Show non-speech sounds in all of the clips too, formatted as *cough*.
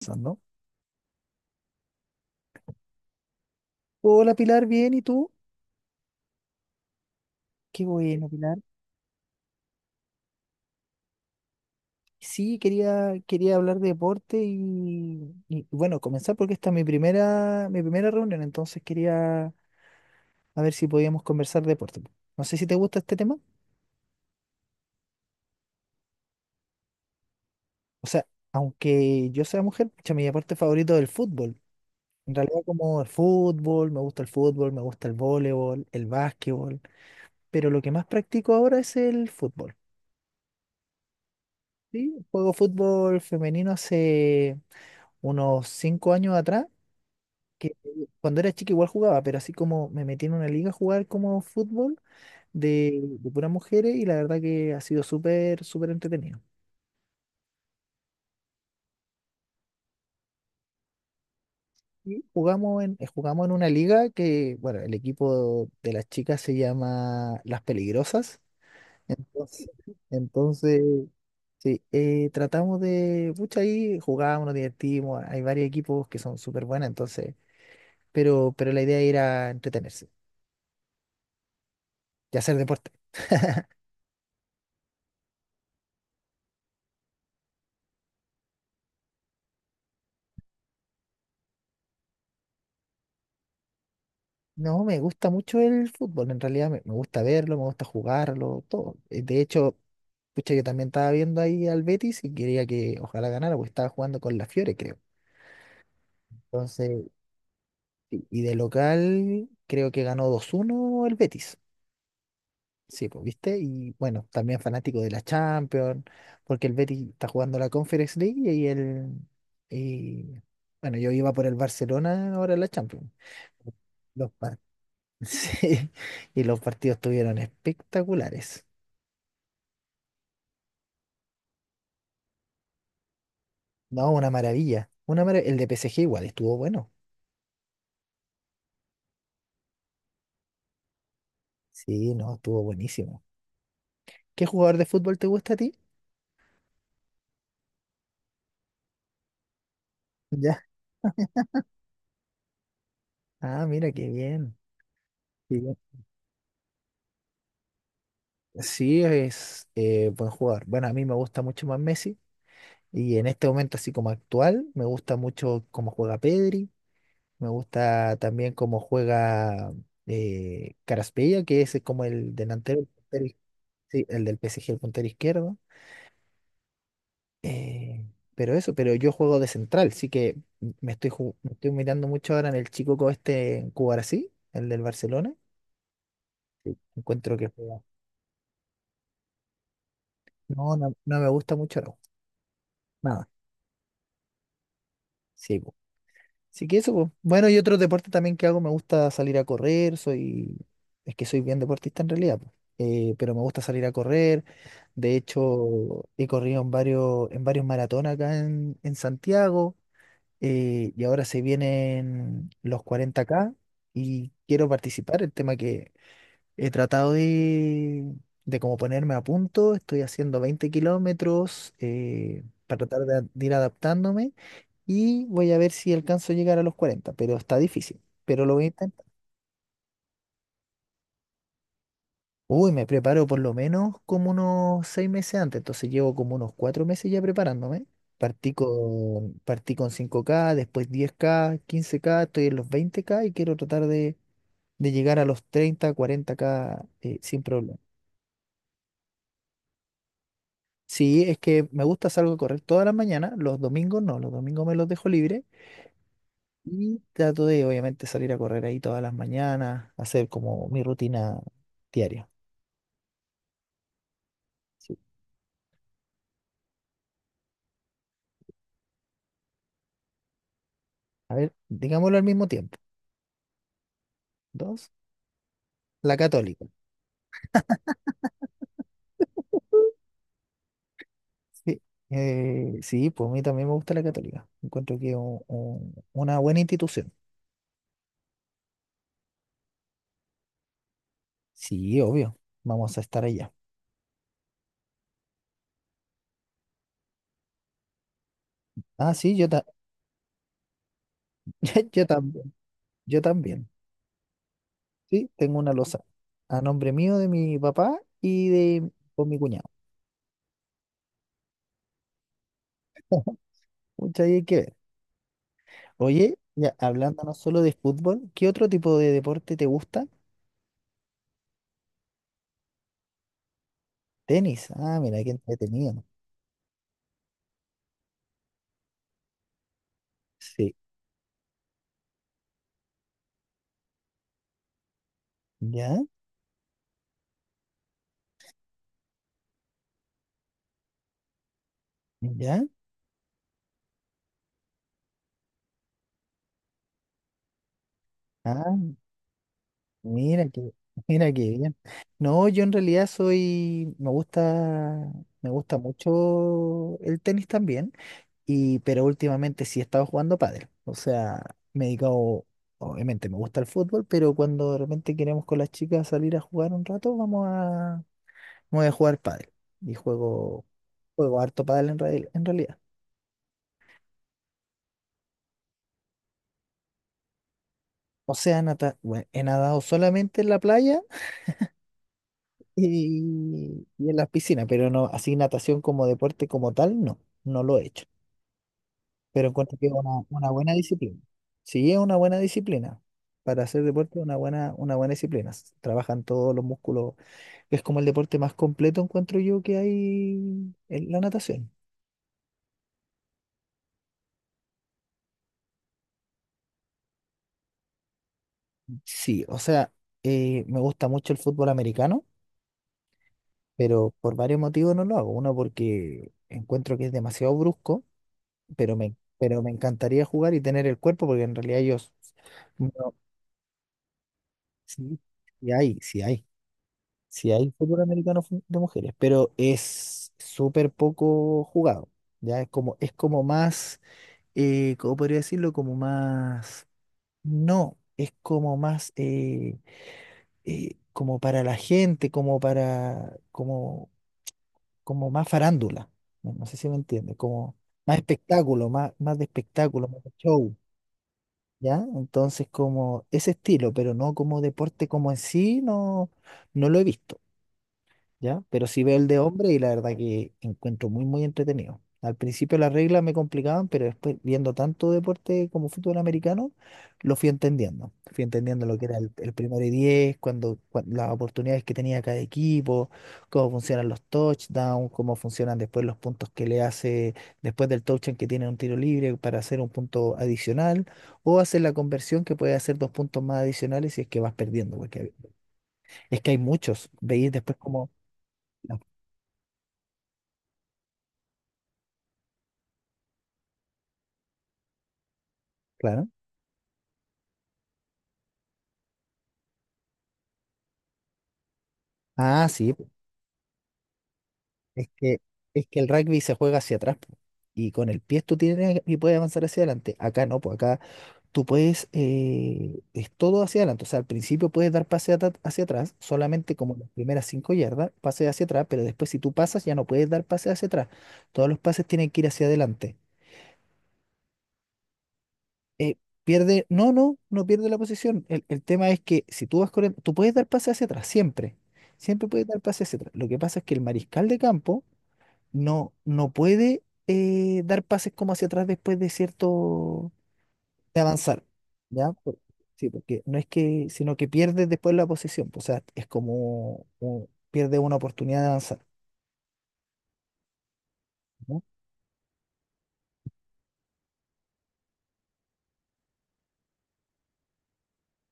Pensando. Hola Pilar, bien, ¿y tú? Qué bueno, Pilar. Sí, quería hablar de deporte y bueno, comenzar porque esta es mi primera reunión, entonces quería a ver si podíamos conversar de deporte. No sé si te gusta este tema. O sea, aunque yo sea mujer, pucha, mi deporte favorito es el fútbol. En realidad como el fútbol, me gusta el fútbol, me gusta el voleibol, el básquetbol, pero lo que más practico ahora es el fútbol. Sí, juego fútbol femenino hace unos 5 años atrás que cuando era chica igual jugaba, pero así como me metí en una liga a jugar como fútbol de puras mujeres y la verdad que ha sido súper, súper entretenido. Y jugamos en una liga que, bueno, el equipo de las chicas se llama Las Peligrosas. Entonces, entonces, sí, tratamos de, pucha, ahí jugábamos, nos divertimos, hay varios equipos que son súper buenos, entonces, pero la idea era entretenerse y hacer deporte. No, me gusta mucho el fútbol, en realidad me gusta verlo, me gusta jugarlo, todo. De hecho, pucha, yo también estaba viendo ahí al Betis y quería que ojalá ganara, porque estaba jugando con la Fiore, creo. Entonces, y de local, creo que ganó 2-1 el Betis. Sí, pues, ¿viste? Y bueno, también fanático de la Champions, porque el Betis está jugando la Conference League y el... Y bueno, yo iba por el Barcelona, ahora la Champions. Los, pa- *laughs* Sí, y los partidos estuvieron espectaculares. No, una maravilla. El de P S G igual estuvo bueno. Sí, no, estuvo buenísimo. ¿Qué jugador de fútbol te gusta a ti? Ya. Ah, mira, qué bien. Qué bien. Sí, es buen jugador. Bueno, a mí me gusta mucho más Messi. Y en este momento, así como actual, me gusta mucho cómo juega Pedri. Me gusta también cómo juega Kvaratskhelia, que ese es como el delantero, el Sí, el del P S G, el puntero izquierdo. Eh, pero eso, pero yo juego de central, sí que me estoy mirando mucho ahora en el chico, este Cubarsí, el del Barcelona. Sí. Encuentro que juega. No, no, no me gusta mucho, no. Nada. Sí, po. Así que eso, po. Bueno, y otro deporte también que hago, me gusta salir a correr, es que soy bien deportista en realidad, po. Pero me gusta salir a correr. De hecho, he corrido en varios maratones acá en Santiago. Y ahora se vienen los 40K y quiero participar. El tema que he tratado de como ponerme a punto, estoy haciendo 20 kilómetros, para tratar de ir adaptándome y voy a ver si alcanzo a llegar a los 40, pero está difícil, pero lo voy a intentar. Uy, me preparo por lo menos como unos 6 meses antes, entonces llevo como unos 4 meses ya preparándome. Partí con 5K, después 10K, 15K, estoy en los 20K y quiero tratar de llegar a los treinta cuarenta k, sin problema. Sí, es que me gusta salir a correr todas las mañanas, los domingos no, los domingos me los dejo libre y trato de obviamente salir a correr ahí todas las mañanas, hacer como mi rutina diaria. Sí. A ver, digámoslo al mismo tiempo. Dos, La Católica. Sí, sí, pues a mí también me gusta La Católica. Encuentro que es una buena institución. Sí, obvio, vamos a estar allá. Ah, sí, *laughs* yo también, yo también. Sí, tengo una losa a nombre mío, de mi papá y de con mi cuñado. *laughs* Mucha hay que ver. Oye, ya hablando no solo de fútbol, ¿qué otro tipo de deporte te gusta? Tenis. Ah, mira, qué entretenido. Sí. ¿Ya? ¿Ya? Ah, mira que, *laughs* mira qué bien. No, yo en realidad me gusta mucho el tenis también. Y, pero últimamente sí he estado jugando pádel. O sea, me he dedicado, obviamente me gusta el fútbol, pero cuando de repente queremos con las chicas salir a jugar un rato, vamos a jugar pádel. Y juego harto pádel en realidad. O sea, bueno, he nadado solamente en la playa y en las piscinas, pero no, así natación como deporte como tal, no, no lo he hecho. Pero encuentro que es una buena disciplina. Sí, es una buena disciplina. Para hacer deporte, es una buena disciplina. Trabajan todos los músculos. Es como el deporte más completo, encuentro yo, que hay en la natación. Sí, o sea, me gusta mucho el fútbol americano, pero por varios motivos no lo hago. Uno, porque encuentro que es demasiado brusco, pero pero me encantaría jugar y tener el cuerpo, porque en realidad yo... no- sí, sí hay, sí hay. Sí hay fútbol americano de mujeres, pero es súper poco jugado. Ya es como más, ¿cómo podría decirlo? Como más, no, es como más, como para la gente, como más farándula. No, no sé si me entiende, como más espectáculo, más de espectáculo, más de show. ¿Ya? Entonces, como ese estilo, pero no como deporte como en sí, no, no lo he visto. ¿Ya? Pero sí veo el de hombre y la verdad que encuentro muy, muy entretenido. Al principio las reglas me complicaban, pero después viendo tanto deporte como fútbol americano, lo fui entendiendo. Fui entendiendo lo que era el primero y diez, cuando las oportunidades que tenía cada equipo, cómo funcionan los touchdowns, cómo funcionan después los puntos que le hace después del touchdown, que tiene un tiro libre para hacer un punto adicional, o hacer la conversión, que puede hacer 2 puntos más adicionales si es que vas perdiendo, porque es que hay muchos. Veis después como... Claro. Ah, sí, po. es que, es que el rugby se juega hacia atrás, po. Y con el pie tú tienes y puedes avanzar hacia adelante. Acá no, pues acá tú puedes, es todo hacia adelante. O sea, al principio puedes dar pase hacia atrás, solamente como las primeras 5 yardas, pase hacia atrás, pero después si tú pasas ya no puedes dar pase hacia atrás. Todos los pases tienen que ir hacia adelante. Eh, no, no, no pierde la posición. El tema es que si tú vas corriendo, tú puedes dar pase hacia atrás, siempre. Siempre puedes dar pase hacia atrás. Lo que pasa es que el mariscal de campo no, no puede, dar pases como hacia atrás después de cierto, de avanzar, ¿ya? Sí, porque no es que, sino que pierde después la posesión, o sea, es como pierde una oportunidad de avanzar, ¿no?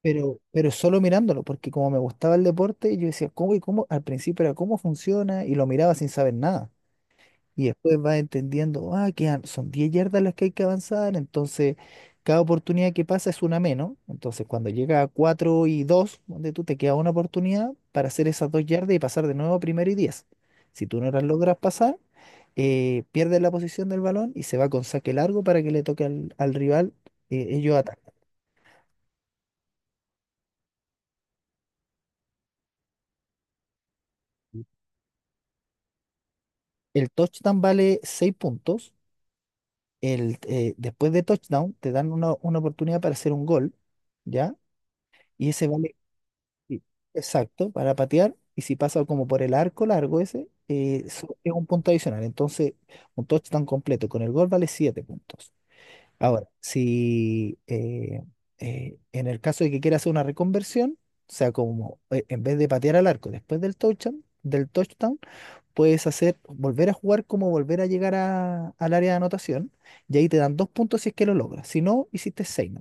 Pero solo mirándolo, porque como me gustaba el deporte, yo decía, ¿cómo y cómo? Al principio era cómo funciona y lo miraba sin saber nada. Y después vas entendiendo, ah, que son 10 yardas las que hay que avanzar, entonces cada oportunidad que pasa es una menos. Entonces cuando llega a 4 y dos, donde tú te queda una oportunidad para hacer esas 2 yardas y pasar de nuevo a primero y diez. Si tú no las logras pasar, pierdes la posición del balón y se va con saque largo para que le toque al rival, ellos atacan. El touchdown vale 6 puntos. Después de touchdown te dan una oportunidad para hacer un gol, ¿ya? Y ese vale. Sí. Exacto, para patear. Y si pasa como por el arco largo ese, es un punto adicional. Entonces, un touchdown completo con el gol vale 7 puntos. Ahora, si en el caso de que quiera hacer una reconversión, o sea, como, en vez de patear al arco después del touchdown, volver a jugar, como volver a llegar al área de anotación, y ahí te dan 2 puntos si es que lo logras. Si no, hiciste seis.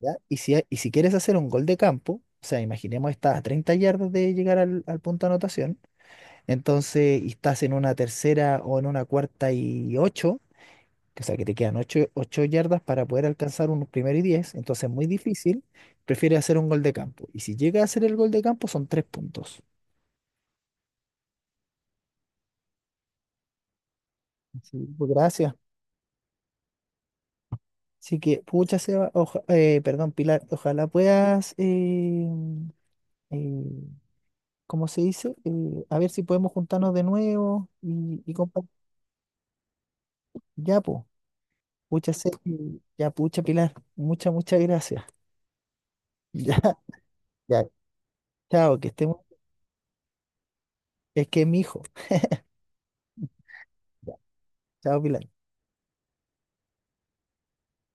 ¿Ya? Y si, si quieres hacer un gol de campo, o sea, imaginemos estás a 30 yardas de llegar al punto de anotación, entonces y estás en una tercera o en una cuarta y ocho, que, o sea, que te quedan ocho yardas para poder alcanzar un primero y diez, entonces es muy difícil, prefieres hacer un gol de campo. Y si llegas a hacer el gol de campo son 3 puntos. Sí, pues gracias. Así que, pucha, Seba, perdón, Pilar, ojalá puedas, eh, como se dice, a ver si podemos juntarnos de nuevo y compa- Ya, pues, mucha ya, pucha, Pilar, muchas, muchas gracias. *laughs* Ya, ya, chao, que estemos, es que es mi hijo. Ya, chao, Pilar.